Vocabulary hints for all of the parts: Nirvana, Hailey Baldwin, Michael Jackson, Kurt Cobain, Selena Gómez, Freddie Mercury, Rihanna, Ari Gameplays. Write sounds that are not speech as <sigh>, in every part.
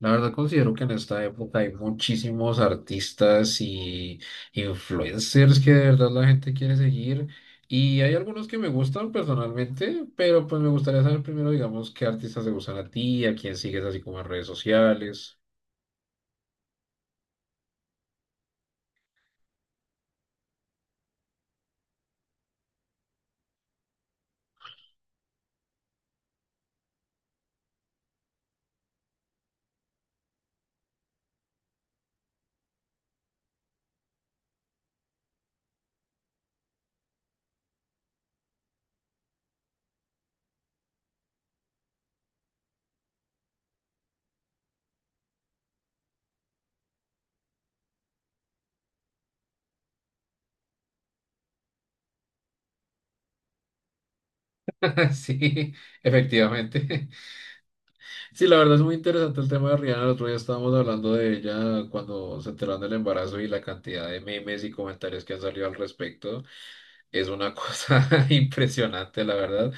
La verdad considero que en esta época hay muchísimos artistas y influencers que de verdad la gente quiere seguir y hay algunos que me gustan personalmente, pero pues me gustaría saber primero, digamos, qué artistas te gustan a ti, a quién sigues así como en redes sociales. <laughs> Sí, efectivamente. Sí, la verdad es muy interesante el tema de Rihanna. El otro día estábamos hablando de ella cuando se enteraron del embarazo y la cantidad de memes y comentarios que han salido al respecto. Es una cosa <laughs> impresionante, la verdad.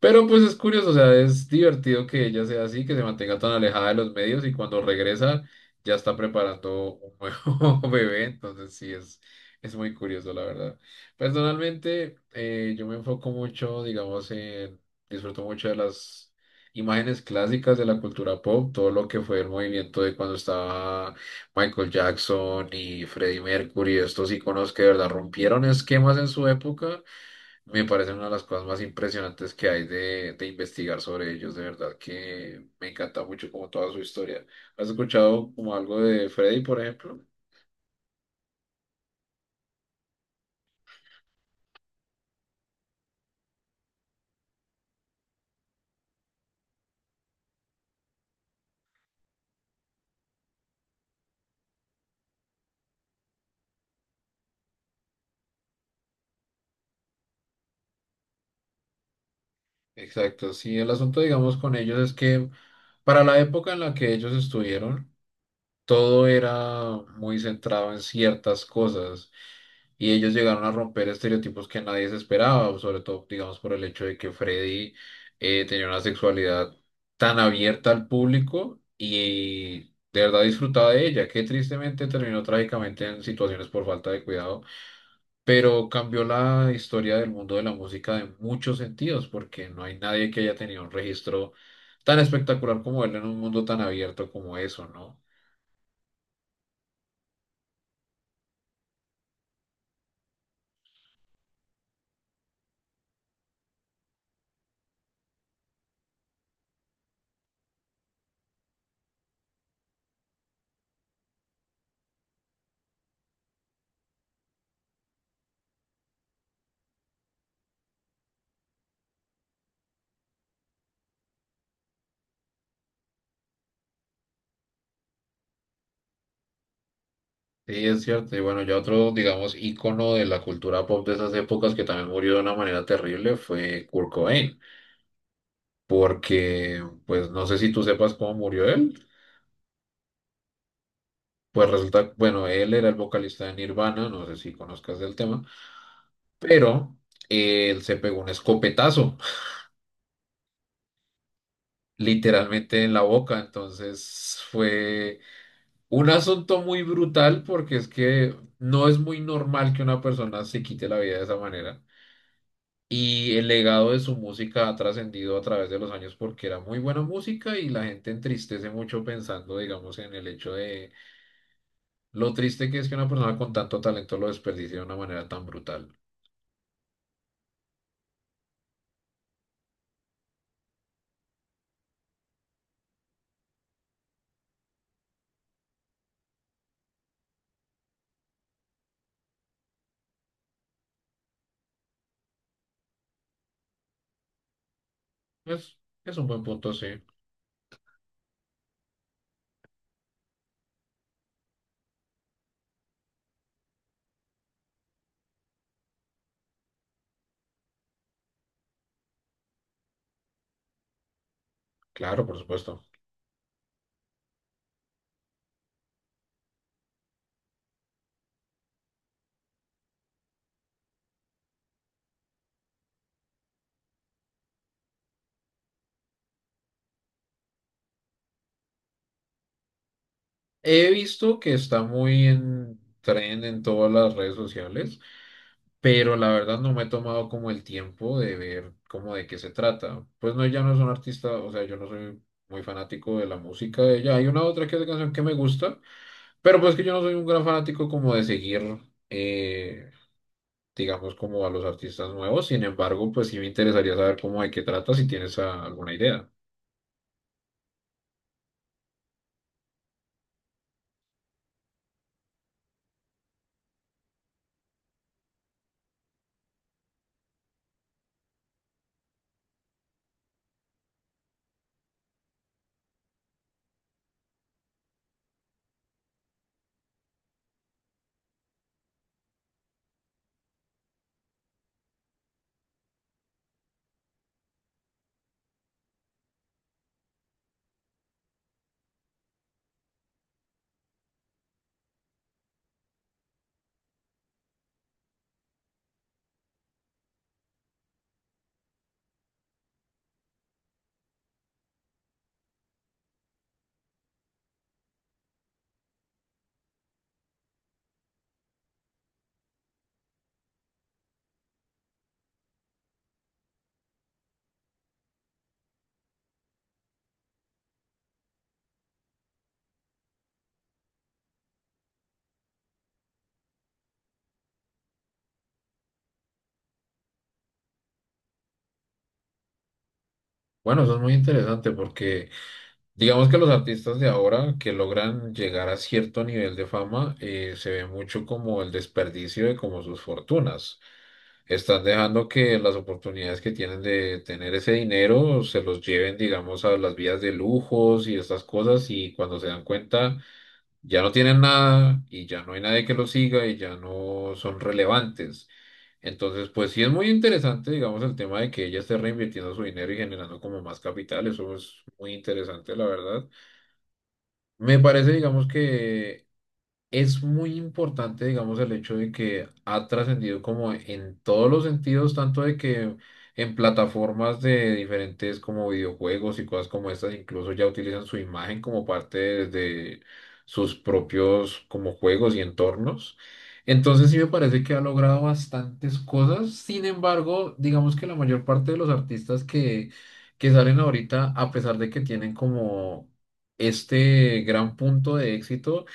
Pero pues es curioso, o sea, es divertido que ella sea así, que se mantenga tan alejada de los medios y cuando regresa ya está preparando un nuevo <laughs> bebé, entonces sí, es muy curioso, la verdad. Personalmente, yo me enfoco mucho, digamos, disfruto mucho de las imágenes clásicas de la cultura pop, todo lo que fue el movimiento de cuando estaba Michael Jackson y Freddie Mercury, estos iconos que de verdad rompieron esquemas en su época, me parecen una de las cosas más impresionantes que hay de investigar sobre ellos. De verdad que me encanta mucho como toda su historia. ¿Has escuchado como algo de Freddie, por ejemplo? Exacto, sí, el asunto, digamos, con ellos es que para la época en la que ellos estuvieron, todo era muy centrado en ciertas cosas. Y ellos llegaron a romper estereotipos que nadie se esperaba, sobre todo, digamos, por el hecho de que Freddy tenía una sexualidad tan abierta al público y de verdad disfrutaba de ella, que tristemente terminó trágicamente en situaciones por falta de cuidado, pero cambió la historia del mundo de la música de muchos sentidos, porque no hay nadie que haya tenido un registro tan espectacular como él en un mundo tan abierto como eso, ¿no? Sí, es cierto. Y bueno, ya otro, digamos, ícono de la cultura pop de esas épocas que también murió de una manera terrible fue Kurt Cobain, porque, pues, no sé si tú sepas cómo murió él. Pues resulta, bueno, él era el vocalista de Nirvana, no sé si conozcas el tema, pero él se pegó un escopetazo, <laughs> literalmente en la boca. Entonces fue un asunto muy brutal porque es que no es muy normal que una persona se quite la vida de esa manera. Y el legado de su música ha trascendido a través de los años porque era muy buena música y la gente entristece mucho pensando, digamos, en el hecho de lo triste que es que una persona con tanto talento lo desperdicie de una manera tan brutal. Es, es un buen punto, sí. Claro, por supuesto. He visto que está muy en tren en todas las redes sociales pero la verdad no me he tomado como el tiempo de ver como de qué se trata. Pues no, ella no es un artista, o sea, yo no soy muy fanático de la música de ella. Hay una otra que otra canción que me gusta, pero pues que yo no soy un gran fanático como de seguir, eh, digamos, como a los artistas nuevos. Sin embargo, pues sí me interesaría saber cómo de qué trata, si tienes alguna idea. Bueno, eso es muy interesante porque… Digamos que los artistas de ahora que logran llegar a cierto nivel de fama se ve mucho como el desperdicio de como sus fortunas. Están dejando que las oportunidades que tienen de tener ese dinero se los lleven, digamos, a las vías de lujos y estas cosas y cuando se dan cuenta ya no tienen nada y ya no hay nadie que los siga y ya no son relevantes. Entonces, pues sí es muy interesante, digamos, el tema de que ella esté reinvirtiendo su dinero y generando como más capital. Eso es muy interesante, la verdad. Me parece, digamos que es muy importante, digamos, el hecho de que ha trascendido como en todos los sentidos, tanto de que en plataformas de diferentes como videojuegos y cosas como estas, incluso ya utilizan su imagen como parte de sus propios como juegos y entornos. Entonces sí me parece que ha logrado bastantes cosas. Sin embargo, digamos que la mayor parte de los artistas que salen ahorita, a pesar de que tienen como este gran punto de éxito,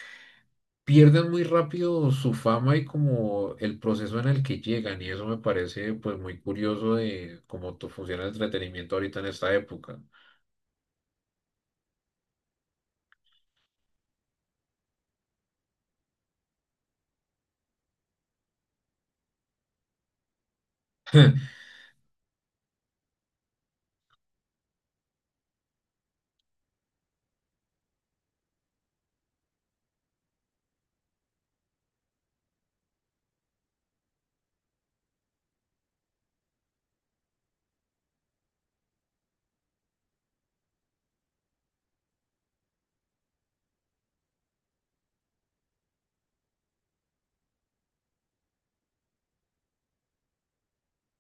pierden muy rápido su fama y como el proceso en el que llegan y eso me parece pues muy curioso de cómo funciona el entretenimiento ahorita en esta época. <laughs>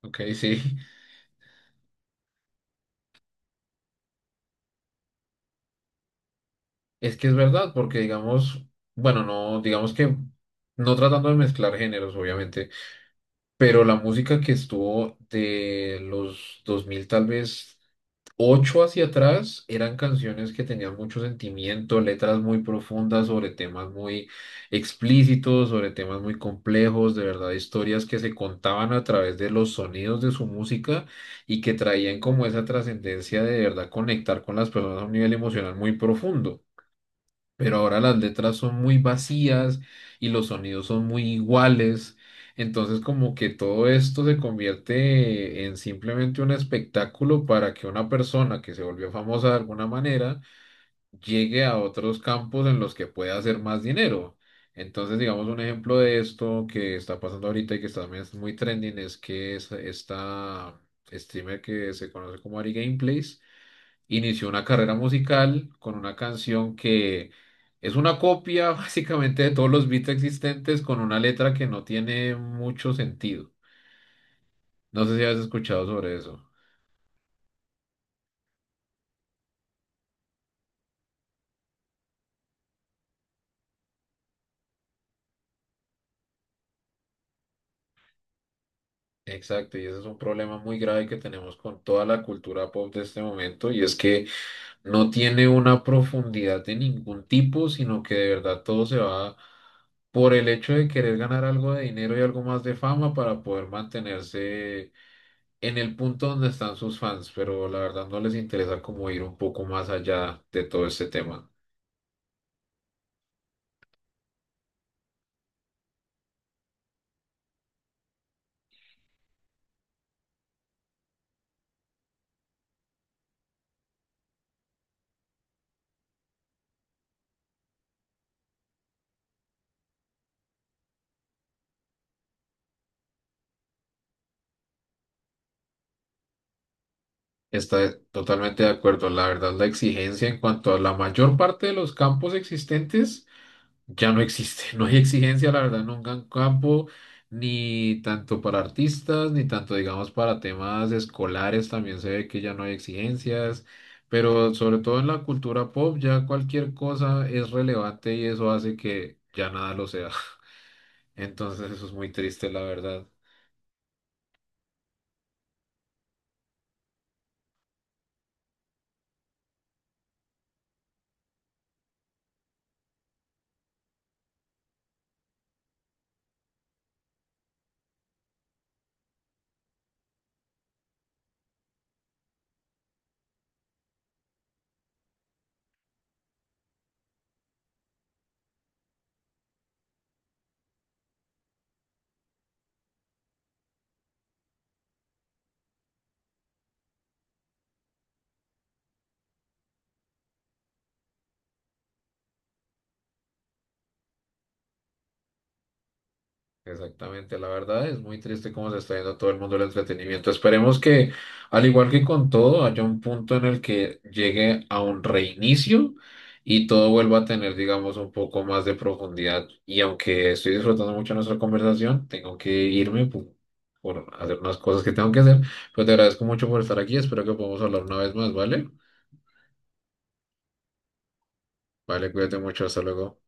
Ok, sí, es que es verdad porque digamos, bueno, no, digamos que no tratando de mezclar géneros obviamente, pero la música que estuvo de los 2000 tal vez ocho hacia atrás eran canciones que tenían mucho sentimiento, letras muy profundas sobre temas muy explícitos, sobre temas muy complejos, de verdad, historias que se contaban a través de los sonidos de su música y que traían como esa trascendencia de verdad conectar con las personas a un nivel emocional muy profundo pero ahora las letras son muy vacías y los sonidos son muy iguales. Entonces como que todo esto se convierte en simplemente un espectáculo para que una persona que se volvió famosa de alguna manera llegue a otros campos en los que pueda hacer más dinero. Entonces, digamos, un ejemplo de esto que está pasando ahorita y que está- también es muy trending es que es esta streamer que se conoce como Ari Gameplays inició una carrera musical con una canción que es una copia <laughs> básicamente de todos los beats existentes con una letra que no tiene mucho sentido. No sé si has escuchado sobre eso. Exacto, y ese es un problema muy grave que tenemos con toda la cultura pop de este momento, y es que no tiene una profundidad de ningún tipo, sino que de verdad todo se va por el hecho de querer ganar algo de dinero y algo más de fama para poder mantenerse en el punto donde están sus fans, pero la verdad no les interesa como ir un poco más allá de todo este tema. Está totalmente de acuerdo. La verdad, la exigencia en cuanto a la mayor parte de los campos existentes ya no existe. <laughs> No hay exigencia, la verdad, en un gran campo, ni tanto para artistas, ni tanto, digamos, para temas escolares. También se ve que ya no hay exigencias. Pero sobre todo en la cultura pop, ya cualquier cosa es relevante y eso hace que ya nada lo sea. <laughs> Entonces eso es muy triste, la verdad. Exactamente, la verdad es muy triste cómo se está yendo todo el mundo del entretenimiento. Esperemos que, al igual que con todo, haya un punto en el que llegue a un reinicio y todo vuelva a tener, digamos, un poco más de profundidad. Y aunque estoy disfrutando mucho nuestra conversación, tengo que irme por hacer unas cosas que tengo que hacer. Pero te agradezco mucho por estar aquí. Espero que podamos hablar una vez más, ¿vale? Vale, cuídate mucho. Hasta luego.